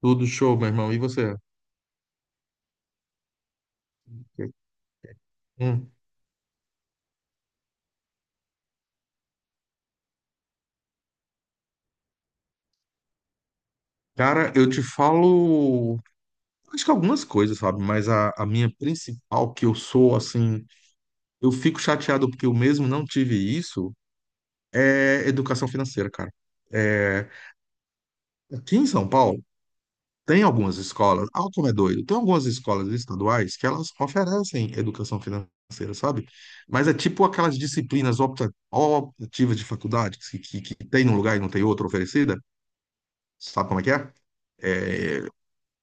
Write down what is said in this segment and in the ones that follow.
Tudo show, meu irmão. E você? Hum. Cara, eu te falo, acho que algumas coisas, sabe? Mas a minha principal, que eu sou, assim, eu fico chateado porque eu mesmo não tive isso, é educação financeira, cara. É, aqui em São Paulo, tem algumas escolas, ah, como é doido, tem algumas escolas estaduais que elas oferecem educação financeira, sabe? Mas é tipo aquelas disciplinas optativas de faculdade que tem num lugar e não tem outro oferecida, sabe como é que é? É,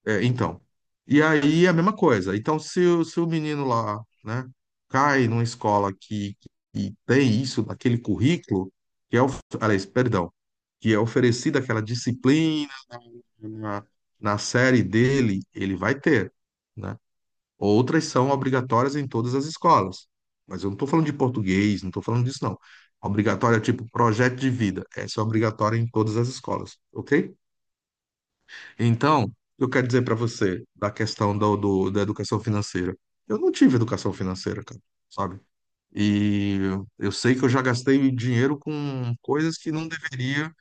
é, então. E aí é a mesma coisa. Então, se o menino lá, né, cai numa escola que tem isso, naquele currículo, que é, of- aliás, perdão, que é oferecida aquela disciplina na, na série dele, ele vai ter, né? Outras são obrigatórias em todas as escolas. Mas eu não estou falando de português, não estou falando disso, não. Obrigatória, tipo, projeto de vida. Essa é obrigatória em todas as escolas, ok? Então, o que eu quero dizer para você da questão da educação financeira? Eu não tive educação financeira, cara, sabe? E eu sei que eu já gastei dinheiro com coisas que não deveria,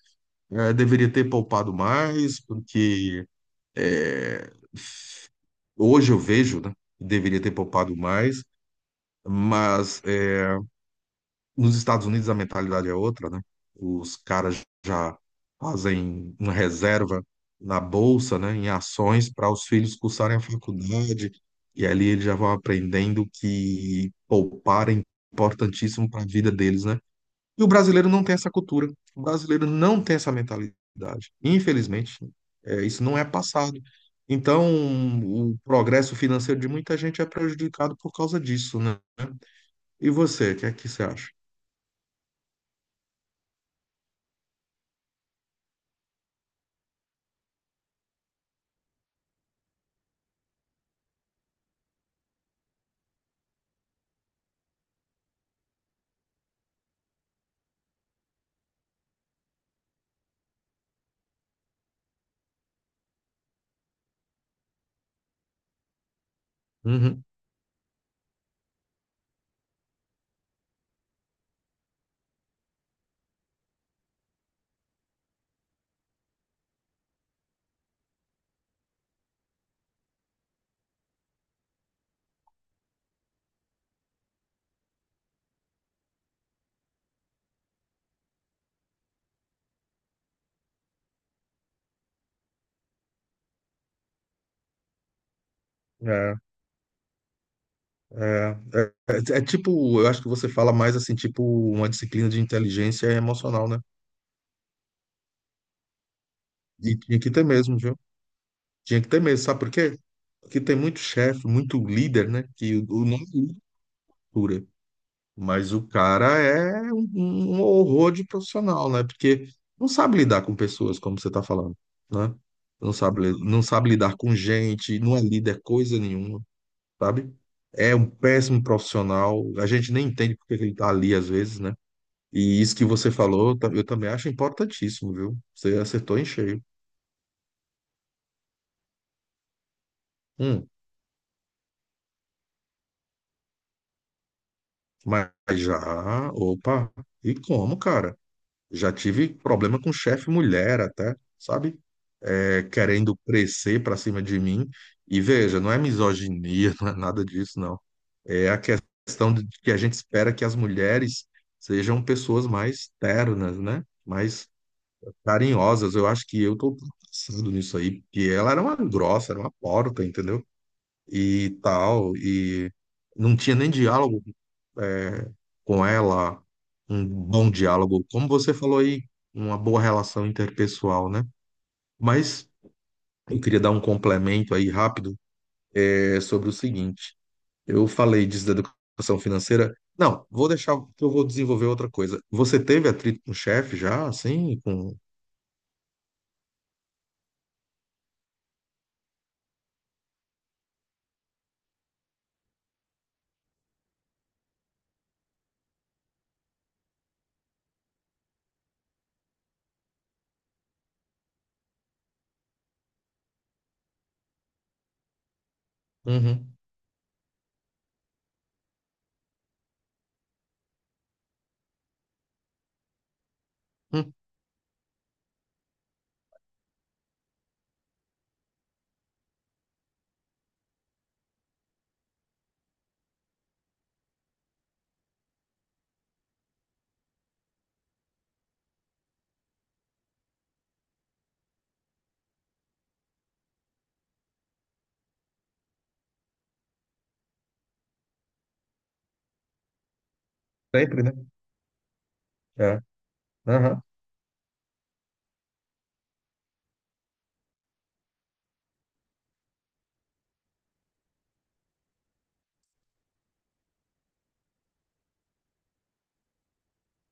deveria ter poupado mais, porque eh, hoje eu vejo, né? Deveria ter poupado mais, mas nos Estados Unidos a mentalidade é outra, né? Os caras já fazem uma reserva na bolsa, né, em ações para os filhos cursarem a faculdade, e ali eles já vão aprendendo que poupar é importantíssimo para a vida deles, né? E o brasileiro não tem essa cultura, o brasileiro não tem essa mentalidade. Infelizmente, é, isso não é passado. Então, o progresso financeiro de muita gente é prejudicado por causa disso, né? E você, o que é que você acha? Uhum. É, é, é tipo, eu acho que você fala mais assim, tipo, uma disciplina de inteligência emocional, né? E tinha que ter mesmo, viu? Tinha que ter mesmo, sabe por quê? Porque tem muito chefe, muito líder, né? Que o nome é cultura, mas o cara é um horror de profissional, né? Porque não sabe lidar com pessoas, como você tá falando, né? Não sabe lidar com gente, não é líder coisa nenhuma, sabe? É um péssimo profissional, a gente nem entende porque ele tá ali às vezes, né? E isso que você falou, eu também acho importantíssimo, viu? Você acertou em cheio. Hum, mas já, opa, e como, cara? Já tive problema com chefe mulher até, sabe? É, querendo crescer pra cima de mim. E veja, não é misoginia, não é nada disso, não. É a questão de que a gente espera que as mulheres sejam pessoas mais ternas, né? Mais carinhosas. Eu acho que eu tô passando nisso aí, porque ela era uma grossa, era uma porta, entendeu? E tal, e não tinha nem diálogo é, com ela, um bom diálogo, como você falou aí, uma boa relação interpessoal, né? Mas eu queria dar um complemento aí rápido é, sobre o seguinte: eu falei disso da educação financeira. Não, vou deixar que eu vou desenvolver outra coisa. Você teve atrito com o chefe já, assim, com... Uhum. Hum, sempre, né? É. Aham.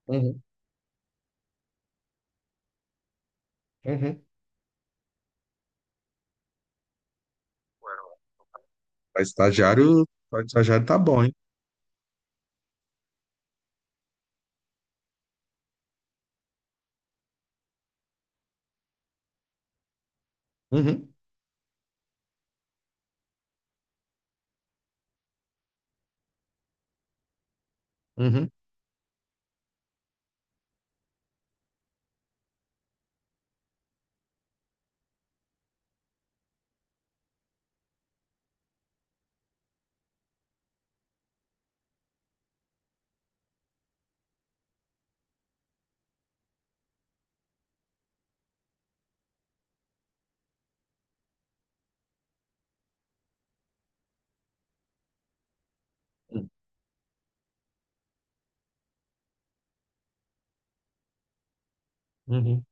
Uhum. Uhum. Para estagiário, pra estagiário tá bom, hein? Uhum. Uhum. Uhum.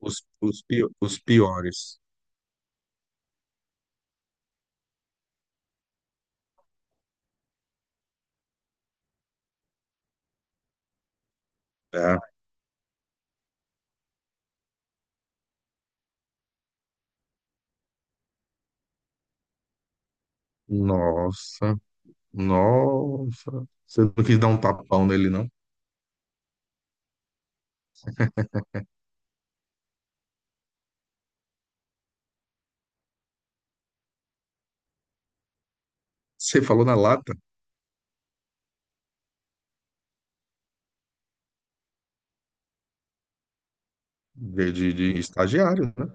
Os piores, tá? Nossa, nossa. Você não quis dar um tapão nele, não? Você falou na lata de estagiário, né?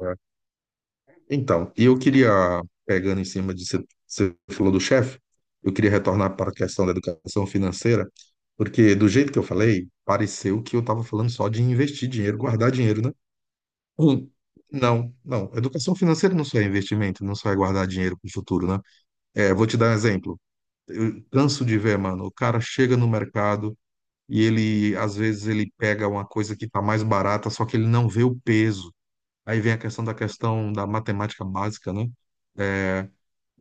É. Então, e eu queria, pegando em cima de você, você falou do chefe, eu queria retornar para a questão da educação financeira, porque do jeito que eu falei, pareceu que eu estava falando só de investir dinheiro, guardar dinheiro, né? Hum. Não, não. Educação financeira não só é investimento, não só é guardar dinheiro para o futuro, né? É, vou te dar um exemplo. Eu canso de ver, mano. O cara chega no mercado e ele, às vezes, ele pega uma coisa que tá mais barata, só que ele não vê o peso. Aí vem a questão da matemática básica, né? É,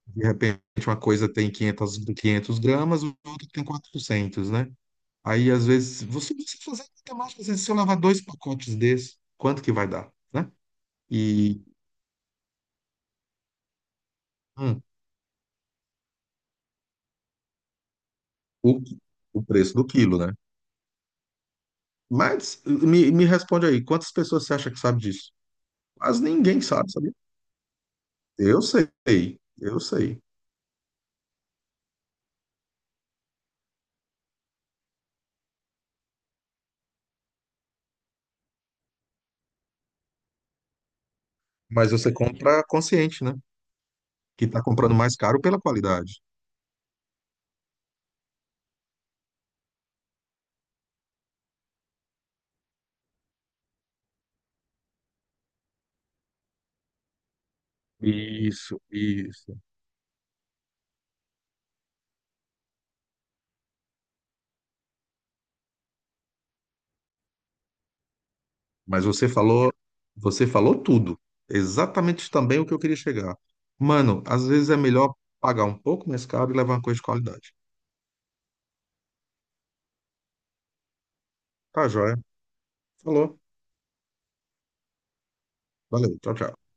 de repente, uma coisa tem 500, 500 gramas, o outro tem 400, né? Aí, às vezes, você precisa fazer a matemática, assim, se eu lavar dois pacotes desses, quanto que vai dar, né? E hum, o, o preço do quilo, né? Mas me responde aí, quantas pessoas você acha que sabe disso? Quase ninguém sabe, eu sei, eu sei. Mas você compra consciente, né? Que está comprando mais caro pela qualidade. Isso, isso. Mas você falou tudo. Exatamente também o que eu queria chegar. Mano, às vezes é melhor pagar um pouco mais caro e levar uma coisa de qualidade. Tá, joia? Falou. Valeu. Tchau, tchau.